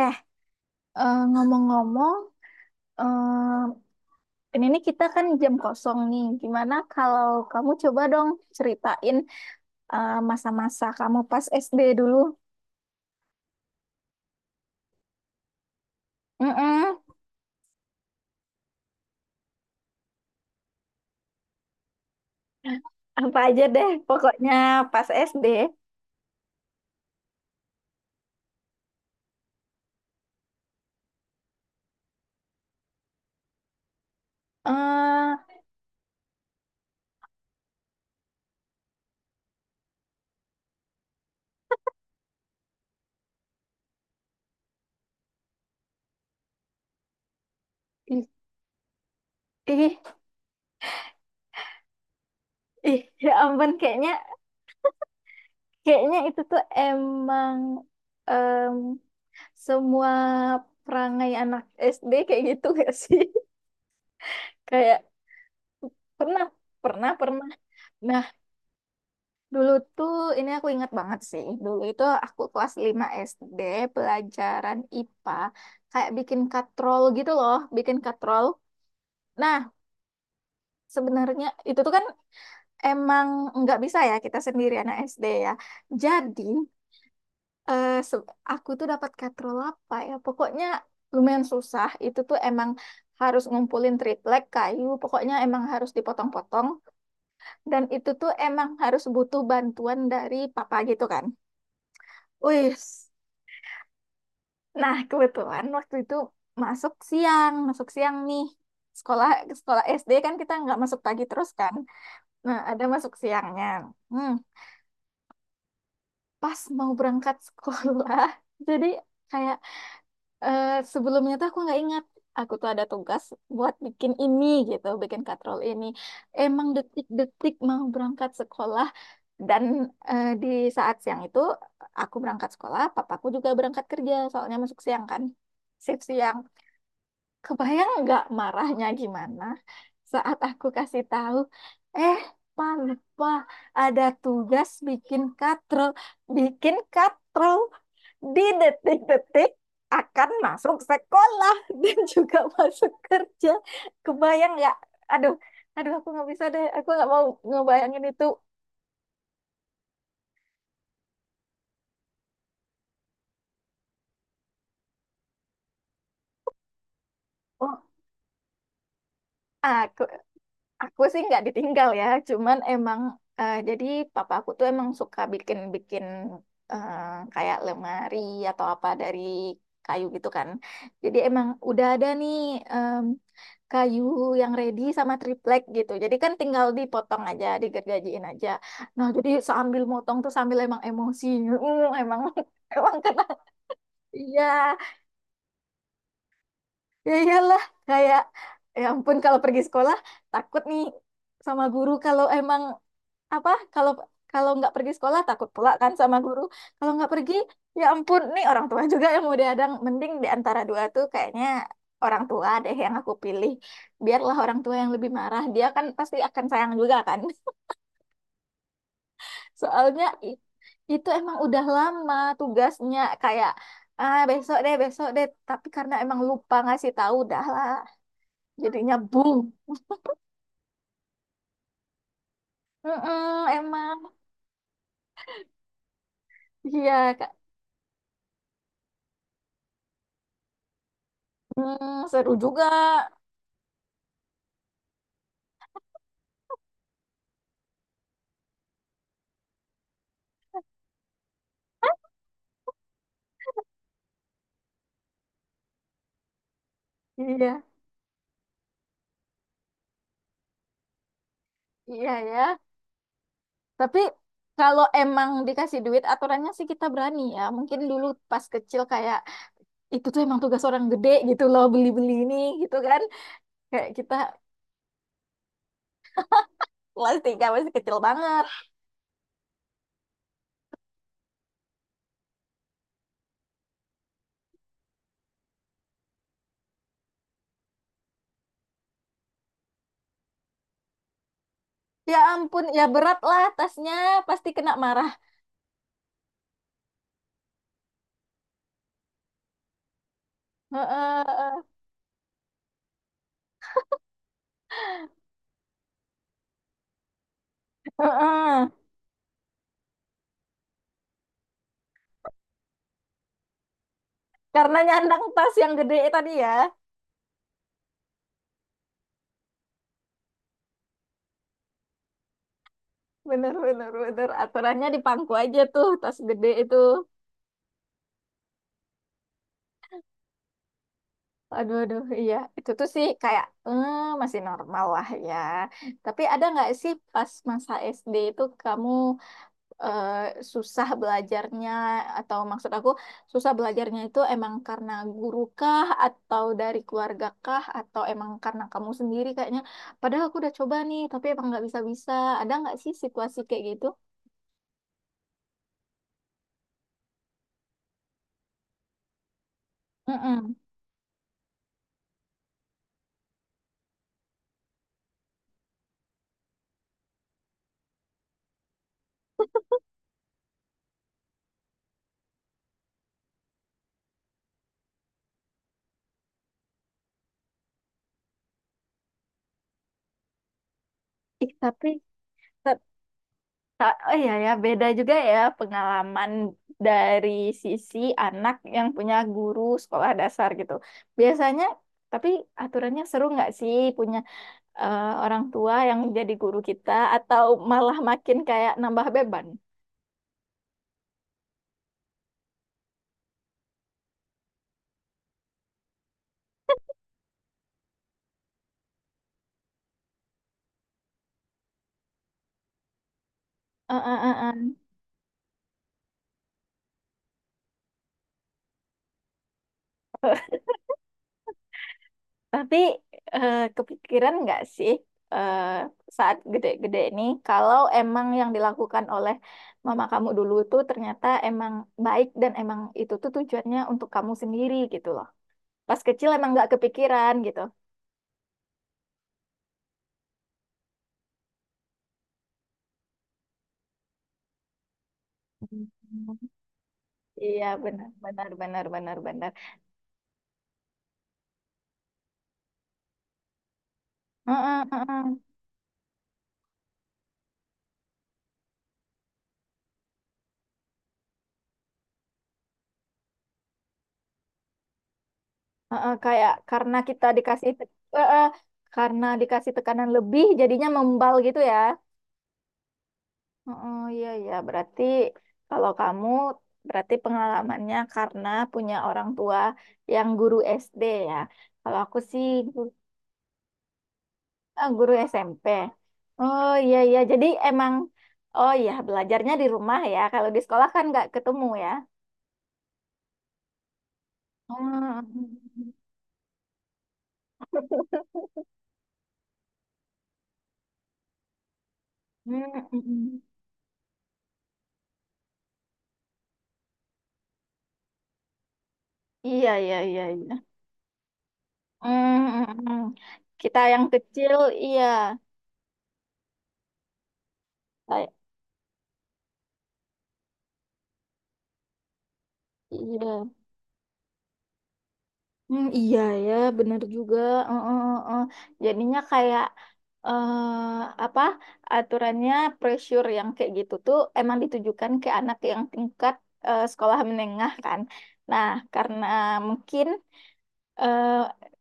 Eh, ngomong-ngomong, eh, ini nih kita kan jam kosong nih. Gimana kalau kamu coba dong ceritain masa-masa kamu pas SD dulu? Mm-mm, apa aja deh, pokoknya pas SD. eh ih, ih, ih, ya ampun, kayaknya kayaknya itu tuh emang em, semua perangai anak SD kayak gitu gak sih? Kayak pernah, pernah, pernah. Nah, dulu tuh, ini aku ingat banget sih. Dulu itu aku kelas 5 SD, pelajaran IPA, kayak bikin katrol gitu loh, bikin katrol. Nah, sebenarnya itu tuh kan emang nggak bisa ya kita sendiri anak SD ya. Jadi, eh, se- aku tuh dapat katrol apa ya? Pokoknya lumayan susah. Itu tuh emang harus ngumpulin triplek kayu, pokoknya emang harus dipotong-potong. Dan itu tuh emang harus butuh bantuan dari papa gitu kan. Wih, nah, kebetulan waktu itu masuk siang nih. Sekolah sekolah SD kan kita nggak masuk pagi terus kan. Nah, ada masuk siangnya. Hmm, pas mau berangkat sekolah, jadi kayak eh, sebelumnya tuh aku nggak ingat. Aku tuh ada tugas buat bikin ini gitu, bikin katrol ini. Emang detik-detik mau berangkat sekolah dan di saat siang itu aku berangkat sekolah, papaku juga berangkat kerja, soalnya masuk siang kan, shift siang. Kebayang nggak marahnya gimana saat aku kasih tahu, eh, Pak lupa ada tugas bikin katrol di detik-detik akan masuk sekolah dan juga masuk kerja. Kebayang nggak? Aduh, aduh aku nggak bisa deh, aku nggak mau ngebayangin itu. Oh, aku Aku sih nggak ditinggal ya, cuman emang jadi papa aku tuh emang suka bikin-bikin eh, kayak lemari atau apa dari kayu gitu kan. Jadi emang udah ada nih em, kayu yang ready sama triplek gitu. Jadi kan tinggal dipotong aja, digergajiin aja. Nah, jadi sambil motong tuh sambil emang emosi, emang emang kena. Iya, ya iyalah, kayak ya ampun kalau pergi sekolah takut nih sama guru, kalau emang apa, kalau kalau nggak pergi sekolah takut pula kan sama guru kalau nggak pergi. Ya ampun nih, orang tua juga yang mau diadang, mending di antara dua tuh kayaknya orang tua deh yang aku pilih, biarlah orang tua yang lebih marah, dia kan pasti akan sayang juga kan. Soalnya itu emang udah lama tugasnya, kayak ah besok deh besok deh, tapi karena emang lupa ngasih tahu, dah lah jadinya bung. Mm-mm, emang iya, kak. Mm, seru juga. Iya iya ya. Tapi kalau emang dikasih duit aturannya sih kita berani ya. Mungkin dulu pas kecil kayak itu tuh emang tugas orang gede gitu loh beli-beli ini gitu kan. Kayak kita kelas tiga masih kecil banget. Ya ampun ya berat lah tasnya pasti kena marah. Heeh, heeh. Karena nyandang tas yang gede tadi ya. Bener bener bener aturannya di pangku aja tuh tas gede itu. Aduh, aduh, iya. Itu tuh sih kayak masih normal lah ya. Tapi ada nggak sih pas masa SD itu kamu eh, susah belajarnya atau maksud aku susah belajarnya itu emang karena guru kah atau dari keluarga kah atau emang karena kamu sendiri kayaknya. Padahal aku udah coba nih, tapi emang nggak bisa-bisa. Ada nggak sih situasi kayak gitu? Mm-mm. Ih, oh iya ya, beda juga ya pengalaman dari sisi anak yang punya guru sekolah dasar gitu. Biasanya, tapi aturannya seru nggak sih punya orang tua yang jadi guru kita atau malah makin kayak nambah beban? Eh, eh, eh, eh. Tapi kepikiran nggak sih eh, saat gede-gede ini kalau emang yang dilakukan oleh mama kamu dulu itu ternyata emang baik dan emang itu tuh tujuannya untuk kamu sendiri gitu loh. Pas kecil emang nggak kepikiran gitu. Hmm. Iya benar benar benar benar benar. Heeh, heeh. Heeh, kayak karena kita dikasih heeh, karena dikasih tekanan lebih jadinya membal gitu ya. Oh iya ya, berarti kalau kamu berarti pengalamannya karena punya orang tua yang guru SD ya. Kalau aku sih gu- guru SMP. Oh iya iya, jadi emang oh iya belajarnya di rumah ya. Kalau di sekolah kan nggak ketemu ya. Hmm. Hmm, mm, mm. Iya, iya, iya, iya. Hmm, mm, mm. Kita yang kecil, iya. Ay- Iya. Hmm, iya ya, bener juga. Heeh, heeh, heeh. Jadinya kayak eh apa aturannya pressure yang kayak gitu tuh emang ditujukan ke anak yang tingkat sekolah menengah kan. Nah, karena mungkin eh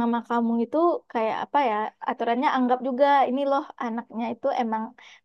mama kamu itu kayak apa ya, aturannya anggap juga ini loh anaknya itu emang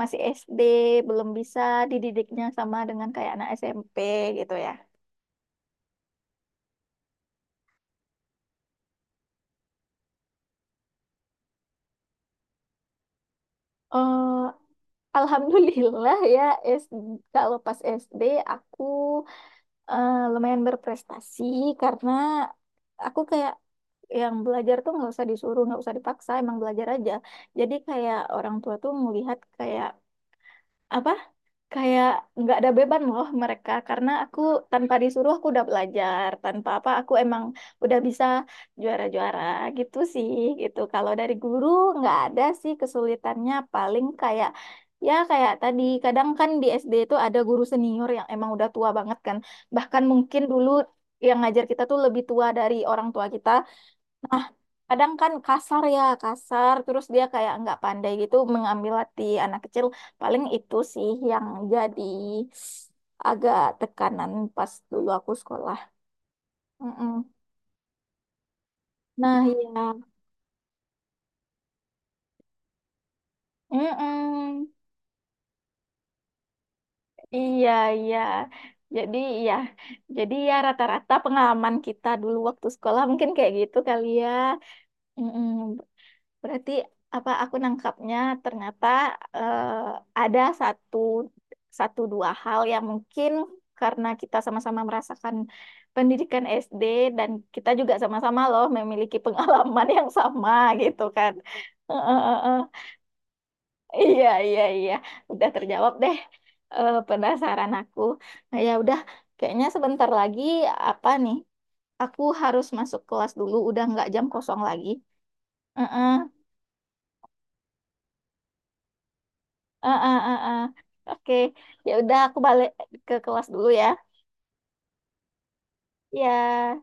masih SD, belum bisa dididiknya sama dengan kayak anak SMP gitu ya. Eh, Alhamdulillah ya, SD, kalau pas SD aku lumayan berprestasi karena aku kayak yang belajar tuh nggak usah disuruh, nggak usah dipaksa, emang belajar aja. Jadi kayak orang tua tuh melihat kayak apa? Kayak nggak ada beban loh mereka, karena aku tanpa disuruh aku udah belajar, tanpa apa aku emang udah bisa juara-juara gitu sih. Gitu kalau dari guru nggak ada sih kesulitannya, paling kayak ya kayak tadi kadang kan di SD itu ada guru senior yang emang udah tua banget kan, bahkan mungkin dulu yang ngajar kita tuh lebih tua dari orang tua kita. Kadang kan kasar ya, kasar terus dia kayak nggak pandai gitu mengambil hati anak kecil, paling itu sih yang jadi agak tekanan pas dulu aku sekolah. Mm-mm. Nah iya. Mm-mm. Iya iya jadi ya jadi ya rata-rata pengalaman kita dulu waktu sekolah mungkin kayak gitu kali ya. Mm-mm. Berarti apa aku nangkapnya ternyata eh, ada satu satu dua hal yang mungkin karena kita sama-sama merasakan pendidikan SD dan kita juga sama-sama loh memiliki pengalaman yang sama gitu kan. Eh, eh, eh, eh. Iya, iya, iya. Udah terjawab deh penasaran aku. Nah, ya udah, kayaknya sebentar lagi apa nih? Aku harus masuk kelas dulu, udah nggak jam kosong lagi. Heeh. Ah ah ah ah. Oke, ya udah aku balik ke kelas dulu ya. Ya.